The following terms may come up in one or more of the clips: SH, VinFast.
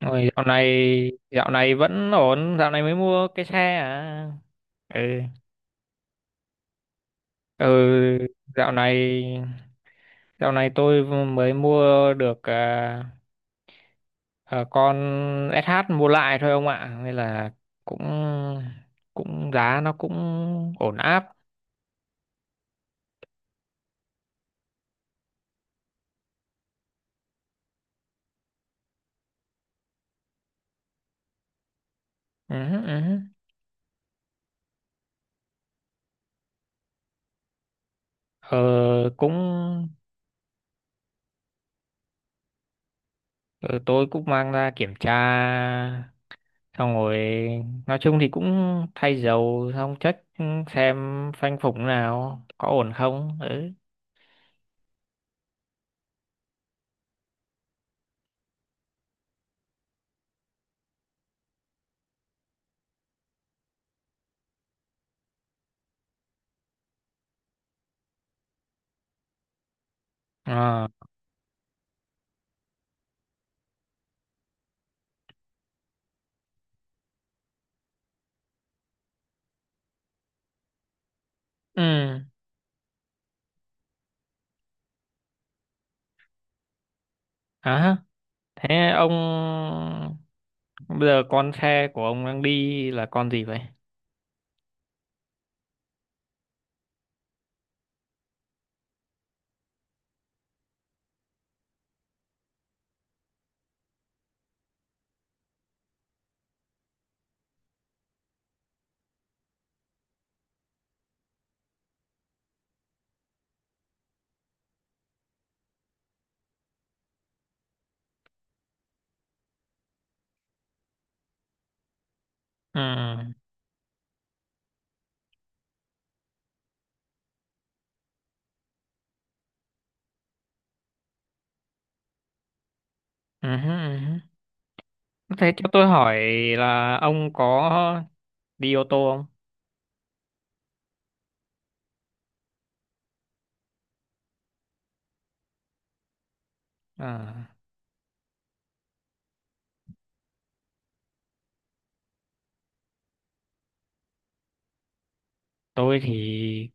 Ôi, dạo này vẫn ổn, dạo này mới mua cái xe à. Ừ. Ừ, dạo này dạo này tôi mới mua được à, con SH mua lại thôi ông ạ, nên là cũng cũng giá nó cũng ổn áp. Ừ hứ, ừ hứ. Ờ, cũng ờ, tôi cũng mang ra kiểm tra, xong rồi nói chung thì cũng thay dầu xong check xem phanh phủng nào có ổn không. Ừ. Ờ. Ừ. À, thế ông, bây giờ con xe của ông đang đi là con gì vậy? Ừ. Ừ hứ, ừ hứ. Thế cho tôi hỏi là ông có đi ô tô không? À, tôi thì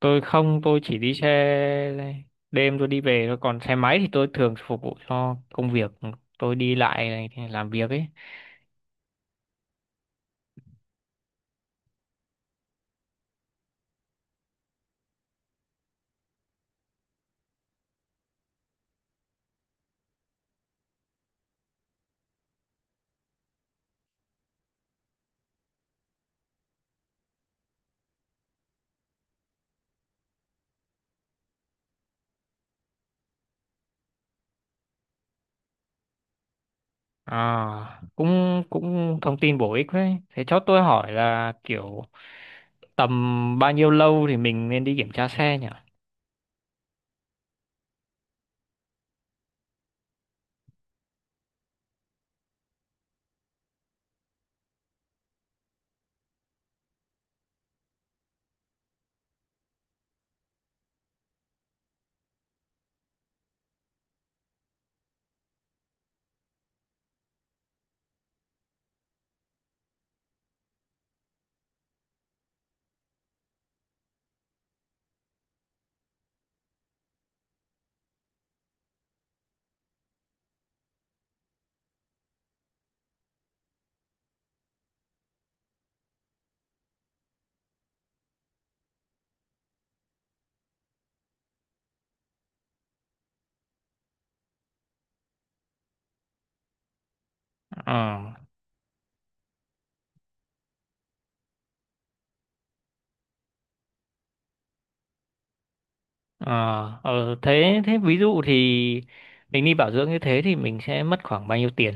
tôi không tôi chỉ đi xe đêm tôi đi về thôi, còn xe máy thì tôi thường phục vụ cho công việc, tôi đi lại này thì làm việc ấy. À, cũng cũng thông tin bổ ích đấy. Thế cho tôi hỏi là kiểu tầm bao nhiêu lâu thì mình nên đi kiểm tra xe nhỉ? Ờ. Ờ. Ờ, thế thế ví dụ thì mình đi bảo dưỡng như thế thì mình sẽ mất khoảng bao nhiêu tiền?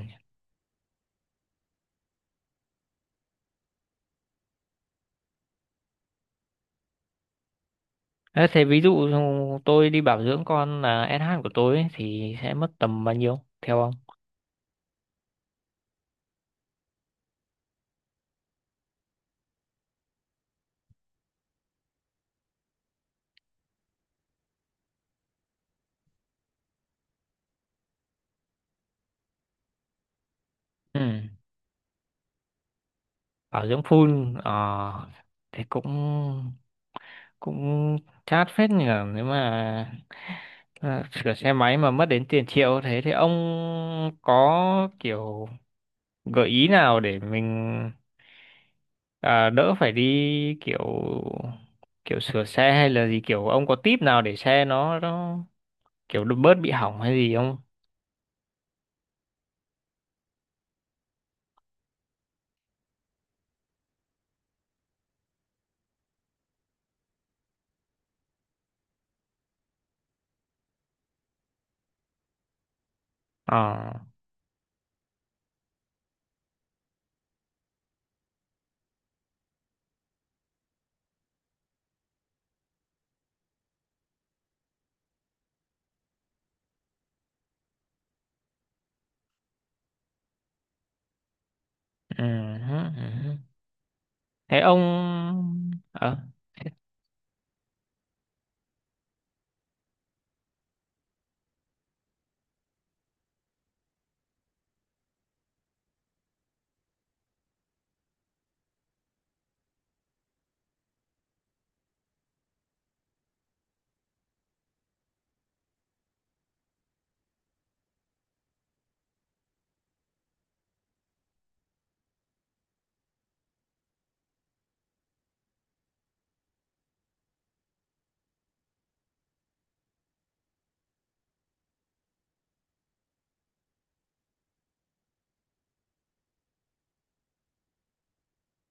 Thế thế ví dụ tôi đi bảo dưỡng con là SH của tôi ấy, thì sẽ mất tầm bao nhiêu theo ông? Ừ. Bảo dưỡng full ờ thì cũng cũng chát phết nhỉ. Nếu mà à, sửa xe máy mà mất đến tiền triệu thế thì ông có kiểu gợi ý nào để mình à, đỡ phải đi kiểu kiểu sửa xe hay là gì, kiểu ông có tip nào để xe nó kiểu bớt bị hỏng hay gì không? Ờ. Ừ hứ, ừ hứ. Thế ông ờ.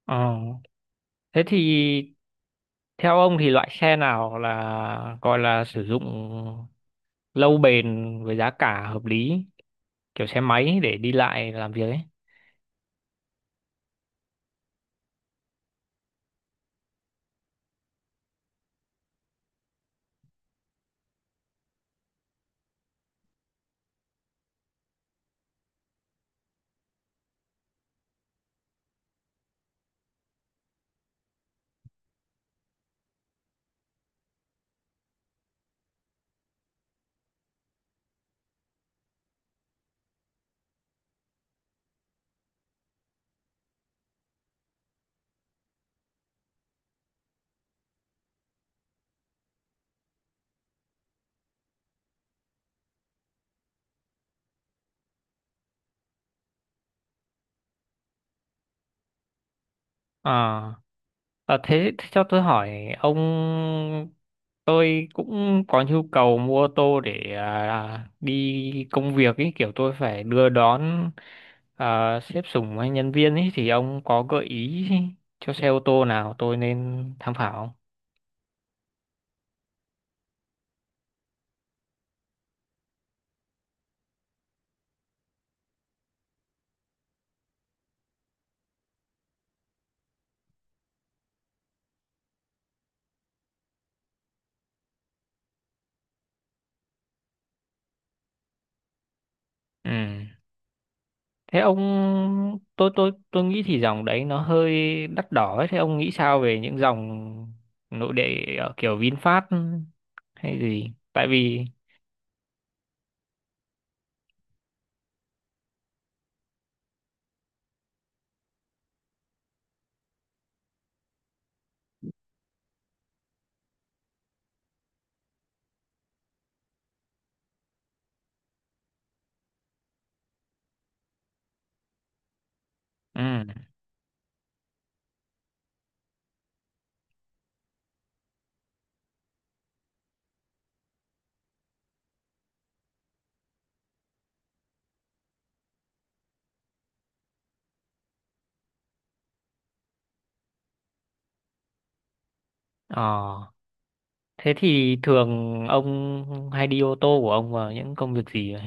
Ờ. Thế thì theo ông thì loại xe nào là gọi là sử dụng lâu bền với giá cả hợp lý, kiểu xe máy để đi lại làm việc ấy? Ờ. Ờ, thế cho tôi hỏi ông, tôi cũng có nhu cầu mua ô tô để à, đi công việc ý, kiểu tôi phải đưa đón à, sếp sủng hay nhân viên ý, thì ông có gợi ý cho xe ô tô nào tôi nên tham khảo không? Ừ. Thế ông, tôi nghĩ thì dòng đấy nó hơi đắt đỏ ấy. Thế ông nghĩ sao về những dòng nội địa ở kiểu VinFast hay gì? Tại vì ừ. Ờ. Thế thì thường ông hay đi ô tô của ông vào những công việc gì vậy?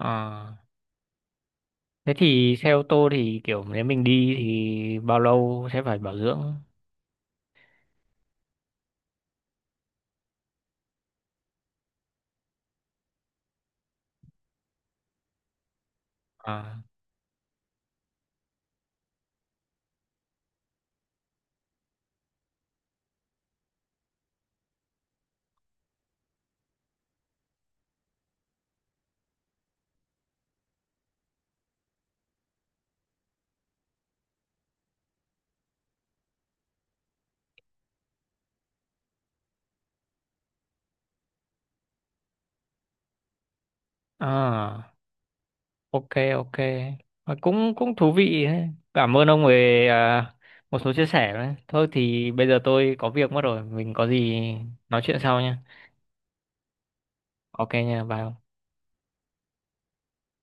À, thế thì xe ô tô thì kiểu nếu mình đi thì bao lâu sẽ phải bảo dưỡng? À, à, ok ok. Ờ, cũng cũng thú vị đấy. Cảm ơn ông về à, một số chia sẻ đấy. Thôi thì bây giờ tôi có việc mất rồi, mình có gì nói chuyện sau nha. Ok nha, bye ông.